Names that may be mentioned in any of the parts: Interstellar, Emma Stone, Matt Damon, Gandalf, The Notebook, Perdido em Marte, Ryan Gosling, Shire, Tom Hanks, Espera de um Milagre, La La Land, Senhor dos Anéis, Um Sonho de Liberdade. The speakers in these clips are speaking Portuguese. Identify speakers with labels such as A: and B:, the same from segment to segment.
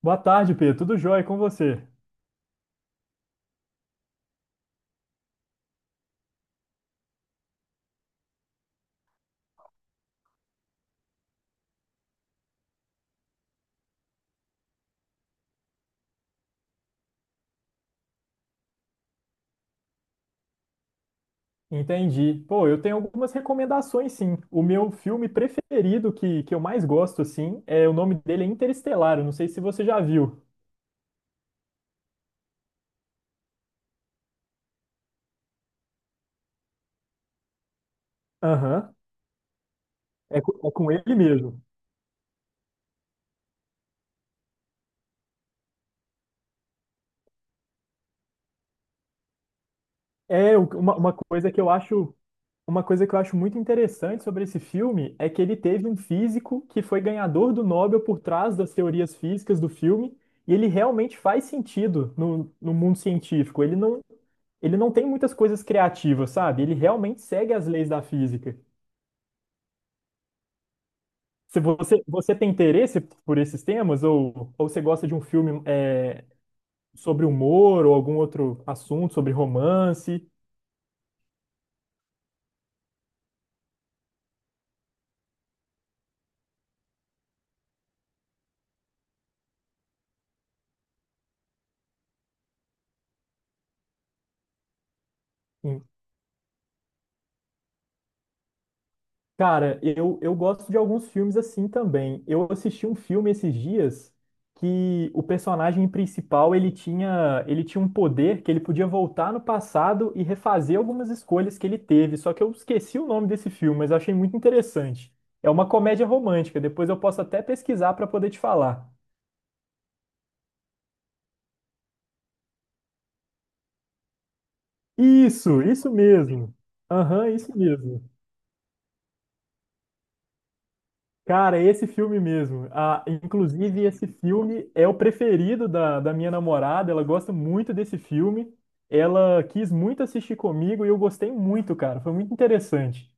A: Boa tarde, Pedro. Tudo jóia com você? Entendi. Pô, eu tenho algumas recomendações, sim. O meu filme preferido, que eu mais gosto, assim, é o nome dele é Interestelar. Eu não sei se você já viu. Aham. É com ele mesmo. É o- uma, uma coisa que eu acho Uma coisa que eu acho muito interessante sobre esse filme é que ele teve um físico que foi ganhador do Nobel por trás das teorias físicas do filme, e ele realmente faz sentido no mundo científico. Ele não tem muitas coisas criativas, sabe? Ele realmente segue as leis da física. Se você, você tem interesse por esses temas, ou você gosta de um filme é, sobre humor, ou algum outro assunto, sobre romance. Cara, eu gosto de alguns filmes assim também. Eu assisti um filme esses dias que o personagem principal, ele tinha um poder que ele podia voltar no passado e refazer algumas escolhas que ele teve. Só que eu esqueci o nome desse filme, mas eu achei muito interessante. É uma comédia romântica, depois eu posso até pesquisar para poder te falar. Isso mesmo. Aham, isso mesmo. Cara, esse filme mesmo. Ah, inclusive, esse filme é o preferido da minha namorada. Ela gosta muito desse filme. Ela quis muito assistir comigo e eu gostei muito, cara. Foi muito interessante.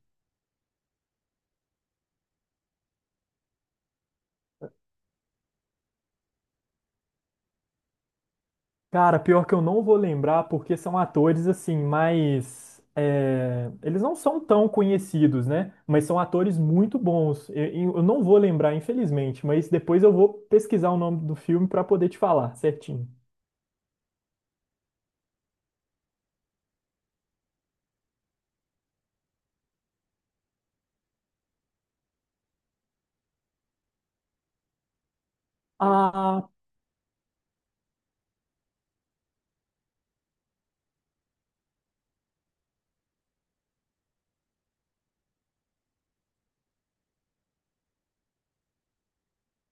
A: Cara, pior que eu não vou lembrar porque são atores assim, mas é, eles não são tão conhecidos, né? Mas são atores muito bons. Eu não vou lembrar, infelizmente, mas depois eu vou pesquisar o nome do filme para poder te falar certinho. Ah,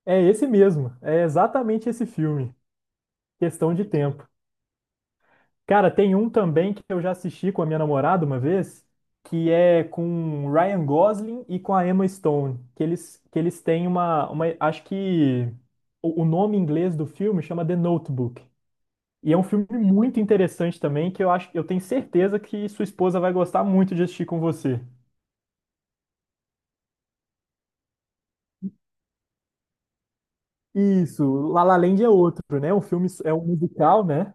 A: é esse mesmo. É exatamente esse filme. Questão de tempo. Cara, tem um também que eu já assisti com a minha namorada uma vez, que é com o Ryan Gosling e com a Emma Stone, que eles têm acho que o nome em inglês do filme chama The Notebook. E é um filme muito interessante também, que eu acho, eu tenho certeza que sua esposa vai gostar muito de assistir com você. Isso, La La Land é outro, né? Um filme, é um musical, né?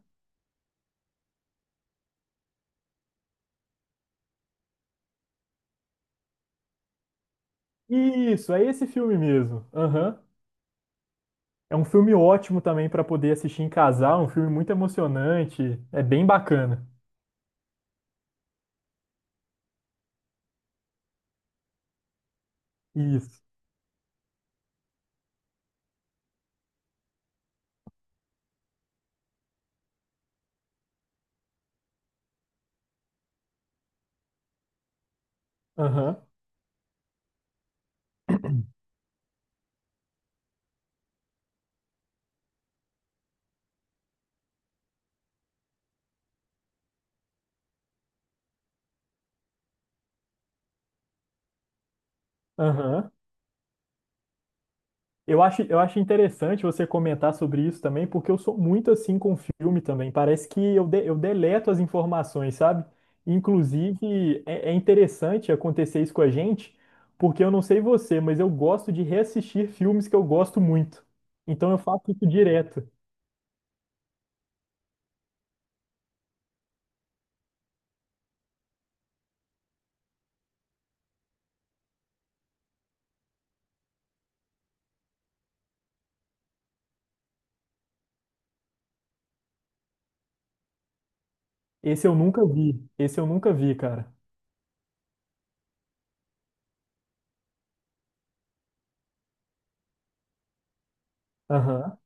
A: Isso, é esse filme mesmo. Aham. É um filme ótimo também para poder assistir em casal, é um filme muito emocionante, é bem bacana. Isso. Aham, aham. Eu acho interessante você comentar sobre isso também, porque eu sou muito assim com filme também. Parece que eu, eu deleto as informações, sabe? Inclusive, é interessante acontecer isso com a gente, porque eu não sei você, mas eu gosto de reassistir filmes que eu gosto muito. Então eu faço isso direto. Esse eu nunca vi, esse eu nunca vi, cara. Aham.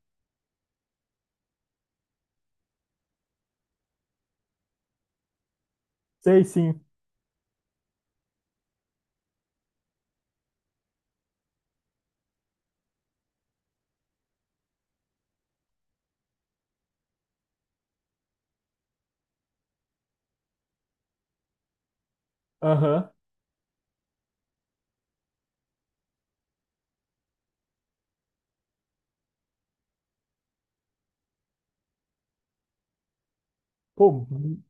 A: Sei sim. Aham. Pô, mu-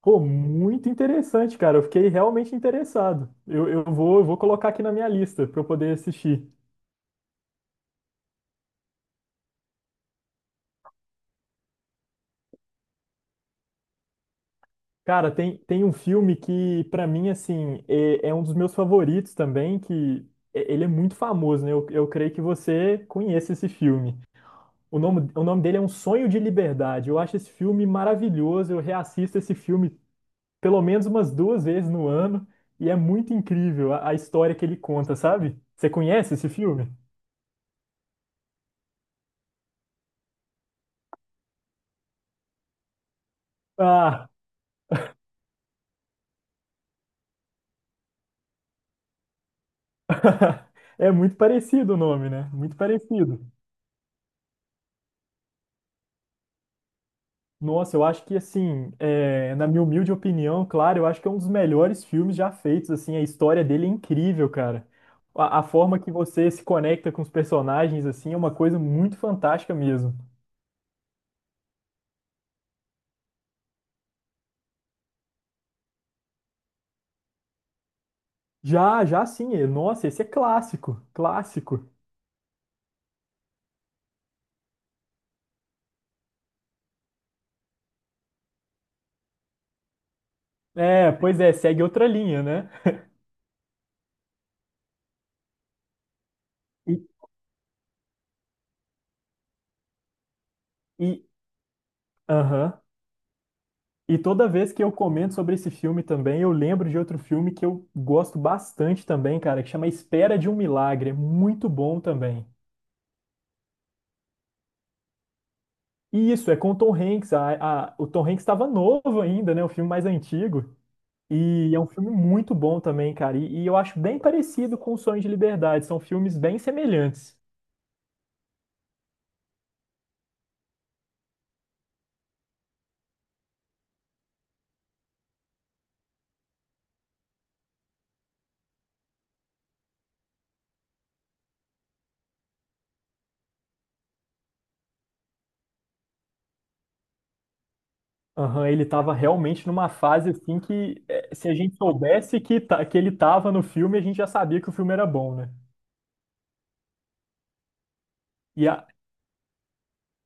A: pô, muito interessante, cara. Eu fiquei realmente interessado. Eu vou colocar aqui na minha lista para eu poder assistir. Cara, tem um filme que, pra mim, assim, é um dos meus favoritos também, que ele é muito famoso, né? Eu creio que você conhece esse filme. O nome dele é Um Sonho de Liberdade. Eu acho esse filme maravilhoso. Eu reassisto esse filme pelo menos umas duas vezes no ano e é muito incrível a história que ele conta, sabe? Você conhece esse filme? Ah, é muito parecido o nome, né? Muito parecido. Nossa, eu acho que, assim, é, na minha humilde opinião, claro, eu acho que é um dos melhores filmes já feitos, assim, a história dele é incrível, cara. A forma que você se conecta com os personagens, assim, é uma coisa muito fantástica mesmo. Já, já sim, nossa, esse é clássico, clássico. É, pois é, segue outra linha, né? E, e, aham. E toda vez que eu comento sobre esse filme também, eu lembro de outro filme que eu gosto bastante também, cara, que chama Espera de um Milagre. É muito bom também. E isso, é com o Tom Hanks. O Tom Hanks estava novo ainda, né? O filme mais antigo. E é um filme muito bom também, cara. E eu acho bem parecido com O Sonho de Liberdade. São filmes bem semelhantes. Aham, ele estava realmente numa fase assim que eh, se a gente soubesse que, que ele estava no filme, a gente já sabia que o filme era bom, né? E a,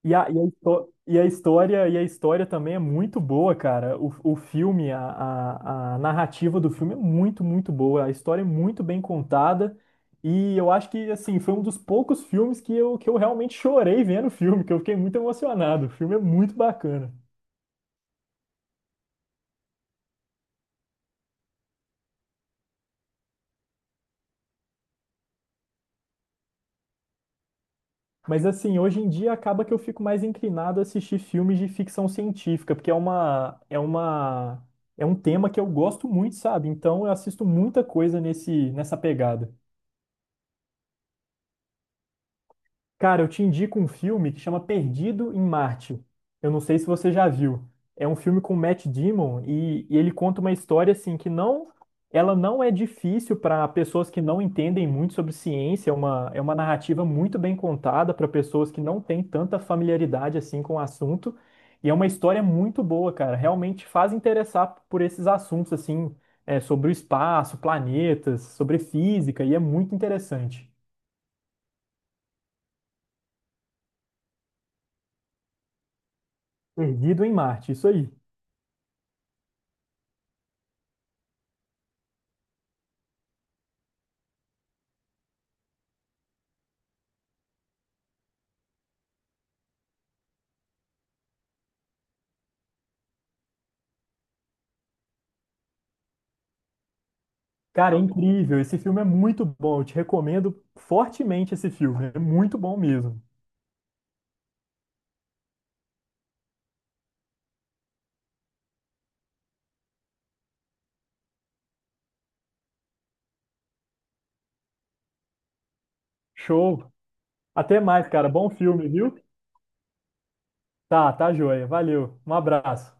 A: E a, e a, histó- e a história também é muito boa, cara. O filme, a narrativa do filme é muito, muito boa. A história é muito bem contada. E eu acho que, assim, foi um dos poucos filmes que que eu realmente chorei vendo o filme, que eu fiquei muito emocionado. O filme é muito bacana. Mas, assim, hoje em dia acaba que eu fico mais inclinado a assistir filmes de ficção científica, porque é uma, é um tema que eu gosto muito, sabe? Então eu assisto muita coisa nessa pegada. Cara, eu te indico um filme que chama Perdido em Marte. Eu não sei se você já viu. É um filme com Matt Damon e ele conta uma história assim que não, ela não é difícil para pessoas que não entendem muito sobre ciência. É uma narrativa muito bem contada para pessoas que não têm tanta familiaridade assim com o assunto. E é uma história muito boa, cara. Realmente faz interessar por esses assuntos assim, é, sobre o espaço, planetas, sobre física e é muito interessante. Perdido em Marte, isso aí. Cara, é incrível. Esse filme é muito bom. Eu te recomendo fortemente esse filme. É muito bom mesmo. Show. Até mais, cara. Bom filme, viu? Tá, tá joia. Valeu. Um abraço.